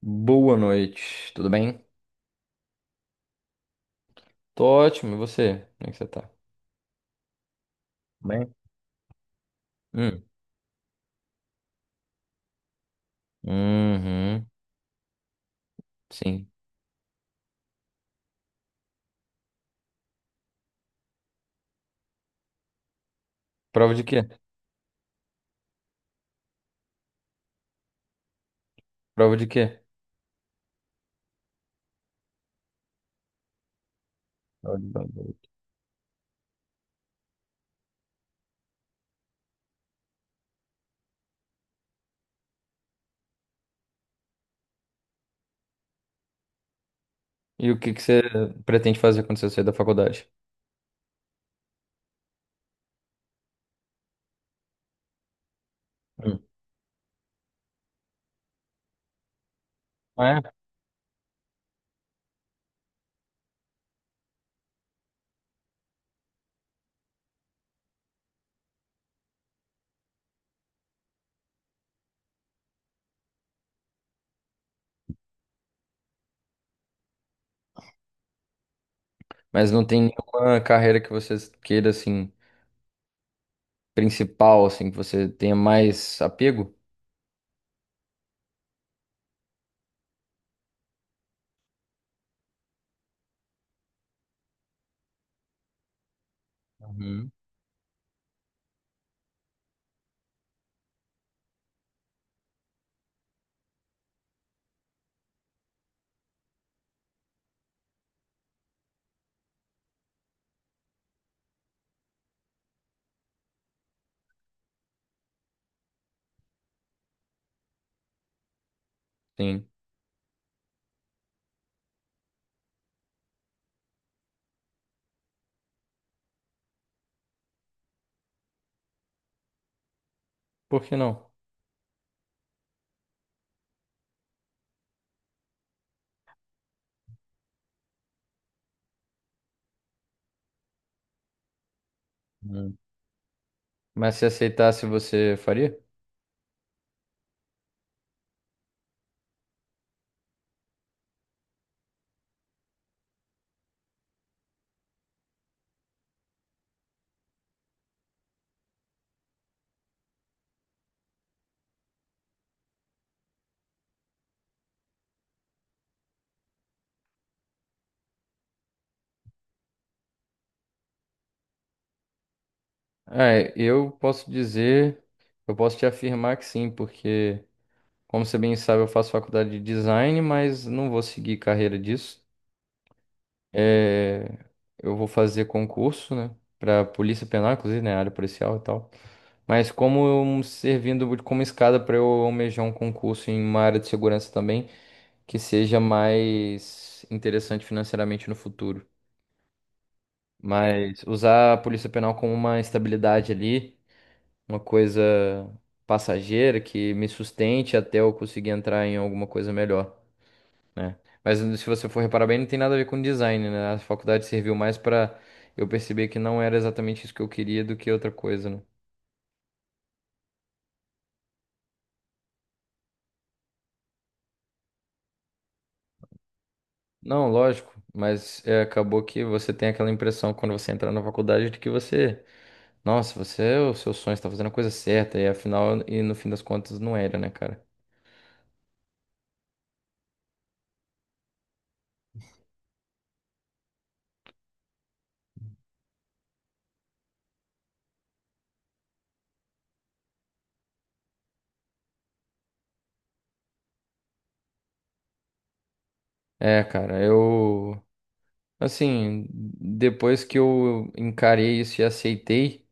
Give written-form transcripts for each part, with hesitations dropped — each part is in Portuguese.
Boa noite, tudo bem? Tô ótimo, e você? Como é que você tá? Bem? Hum. Uhum, sim. Prova de quê? Prova de quê? Prova de bandeira. E o que que você pretende fazer quando você sair da faculdade? Hum. É? Mas não tem nenhuma carreira que você queira, assim, principal, assim, que você tenha mais apego? Uhum. Sim. Por que não? Hum. Mas se aceitasse, você faria? Ah, eu posso dizer, eu posso te afirmar que sim, porque. Como você bem sabe, eu faço faculdade de design, mas não vou seguir carreira disso. É, eu vou fazer concurso, né, para Polícia Penal, inclusive, né, área policial e tal. Servindo como escada para eu almejar um concurso em uma área de segurança também, que seja mais interessante financeiramente no futuro. Mas usar a Polícia Penal como uma estabilidade ali, uma coisa passageira que me sustente até eu conseguir entrar em alguma coisa melhor, né? Mas se você for reparar bem, não tem nada a ver com design, né? A faculdade serviu mais pra eu perceber que não era exatamente isso que eu queria do que outra coisa, né? Não, lógico, mas é, acabou que você tem aquela impressão quando você entrar na faculdade de que você, nossa, você é o seu sonho, está fazendo a coisa certa, e afinal, e no fim das contas, não era, né, cara? É, cara, eu, assim, depois que eu encarei isso e aceitei.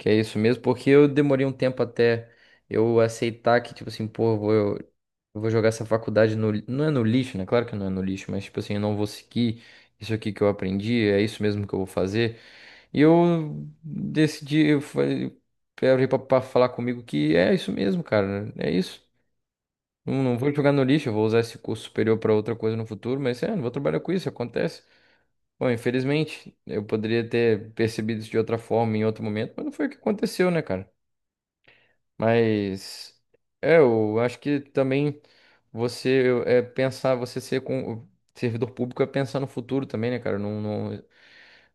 Que é isso mesmo, porque eu demorei um tempo até eu aceitar que, tipo assim, pô, eu vou jogar essa faculdade Não é no lixo, né? Claro que não é no lixo, mas, tipo assim, eu não vou seguir isso aqui que eu aprendi, é isso mesmo que eu vou fazer. E eu decidi, eu falei pra falar comigo que é isso mesmo, cara, é isso. Não, não vou jogar no lixo, eu vou usar esse curso superior pra outra coisa no futuro, mas é, não vou trabalhar com isso, acontece. Bom, infelizmente, eu poderia ter percebido isso de outra forma em outro momento, mas não foi o que aconteceu, né, cara? Mas é, eu acho que também você é pensar, você ser com servidor público é pensar no futuro também, né, cara? Num, num,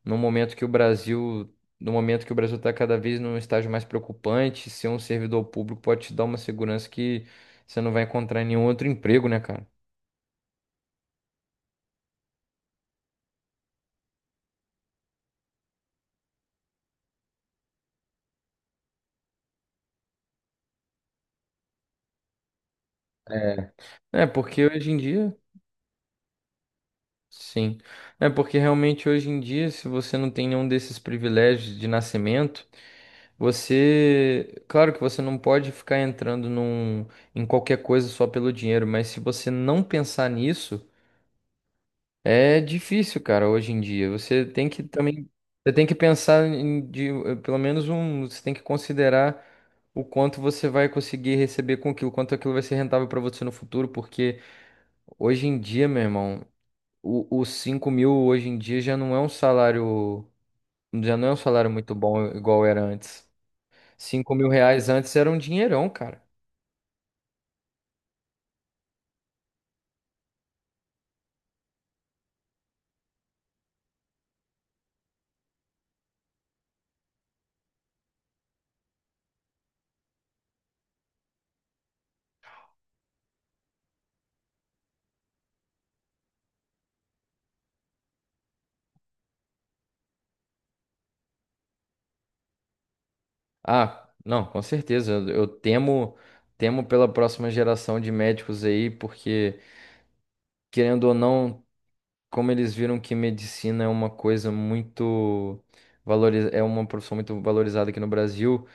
num momento que o Brasil, no momento que o Brasil está cada vez num estágio mais preocupante, ser um servidor público pode te dar uma segurança que você não vai encontrar em nenhum outro emprego, né, cara? É, é, porque hoje em dia. Sim. É porque realmente hoje em dia, se você não tem nenhum desses privilégios de nascimento, você, claro que você não pode ficar entrando em qualquer coisa só pelo dinheiro, mas se você não pensar nisso, é difícil, cara, hoje em dia. Você tem que também, você tem que pensar em, pelo menos um, você tem que considerar o quanto você vai conseguir receber com aquilo, quanto aquilo vai ser rentável para você no futuro, porque hoje em dia, meu irmão. Os 5.000 hoje em dia já não é um salário, já não é um salário muito bom igual era antes. 5.000 reais antes era um dinheirão, cara. Ah, não, com certeza. Eu temo pela próxima geração de médicos aí, porque, querendo ou não, como eles viram que medicina é uma coisa muito valoriz... é uma profissão muito valorizada aqui no Brasil,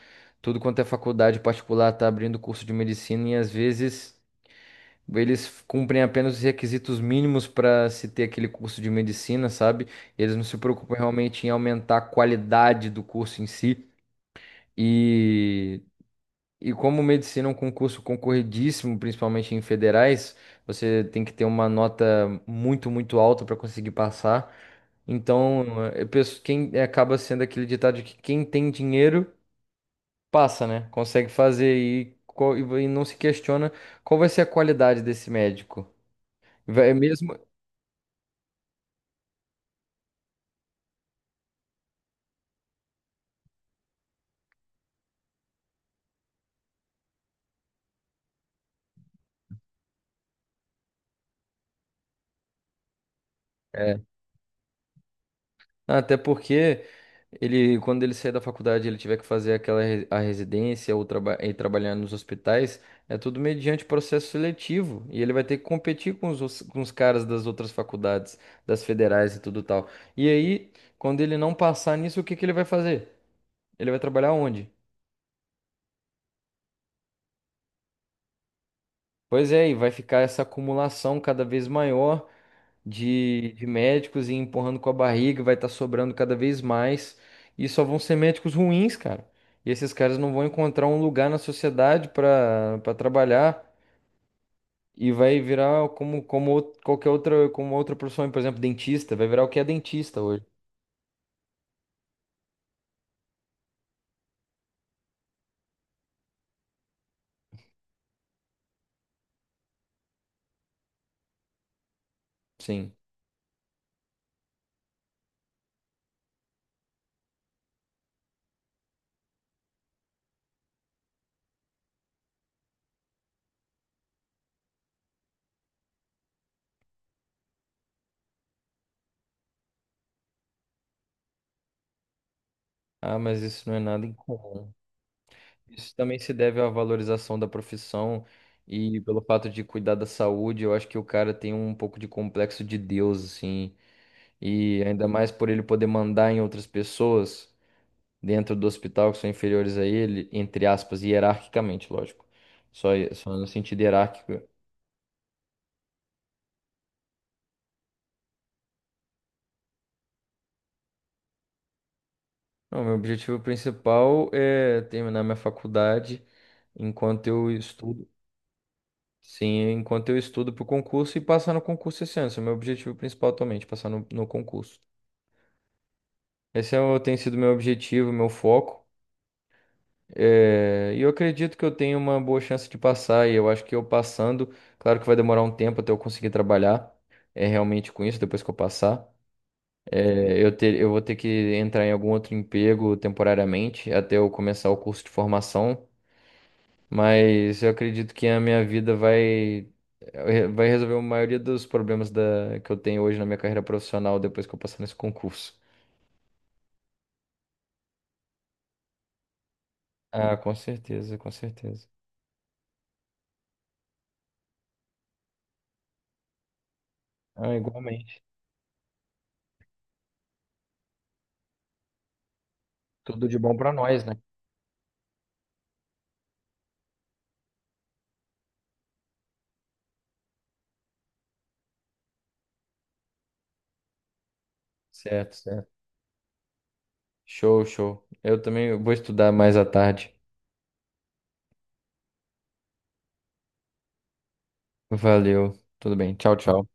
tudo quanto é faculdade particular tá abrindo curso de medicina e às vezes. Eles cumprem apenas os requisitos mínimos para se ter aquele curso de medicina, sabe? Eles não se preocupam realmente em aumentar a qualidade do curso em si. E, e como medicina é um concurso concorridíssimo, principalmente em federais, você tem que ter uma nota muito, muito alta para conseguir passar. Então, eu penso, quem é, acaba sendo aquele ditado de que quem tem dinheiro passa, né? Consegue fazer e não se questiona qual vai ser a qualidade desse médico. Vai, mesmo. É. Até porque ele, quando ele sair da faculdade, ele tiver que fazer a residência ou trabalhar nos hospitais, é tudo mediante processo seletivo e ele vai ter que competir com com os caras das outras faculdades, das federais e tudo tal. E aí, quando ele não passar nisso, o que que ele vai fazer? Ele vai trabalhar onde? Pois é, e vai ficar essa acumulação cada vez maior. De médicos e empurrando com a barriga, vai estar sobrando cada vez mais. E só vão ser médicos ruins, cara. E esses caras não vão encontrar um lugar na sociedade para trabalhar e vai virar qualquer outra, como outra profissão, por exemplo, dentista, vai virar o que é dentista hoje. Sim. Ah, mas isso não é nada incomum. Isso também se deve à valorização da profissão e pelo fato de cuidar da saúde, eu acho que o cara tem um pouco de complexo de Deus, assim. E ainda mais por ele poder mandar em outras pessoas dentro do hospital que são inferiores a ele, entre aspas, hierarquicamente, lógico. Só, só no sentido hierárquico. Não, meu objetivo principal é terminar minha faculdade enquanto eu estudo. Sim, enquanto eu estudo para o concurso e passar no concurso esse ano. Esse é o meu objetivo principal atualmente, passar no concurso. Esse é, o- tem sido meu objetivo, meu foco. É, e eu acredito que eu tenho uma boa chance de passar, e eu acho que eu passando, claro que vai demorar um tempo até eu conseguir trabalhar é, realmente com isso, depois que eu passar. É, eu vou ter que entrar em algum outro emprego temporariamente até eu começar o curso de formação, mas eu acredito que a minha vida vai, é, vai resolver a maioria dos problemas que eu tenho hoje na minha carreira profissional depois que eu passar nesse concurso. Ah, com certeza, com certeza. Ah, igualmente. Tudo de bom pra nós, né? Certo, certo. Show, show. Eu também vou estudar mais à tarde. Valeu. Tudo bem. Tchau, tchau.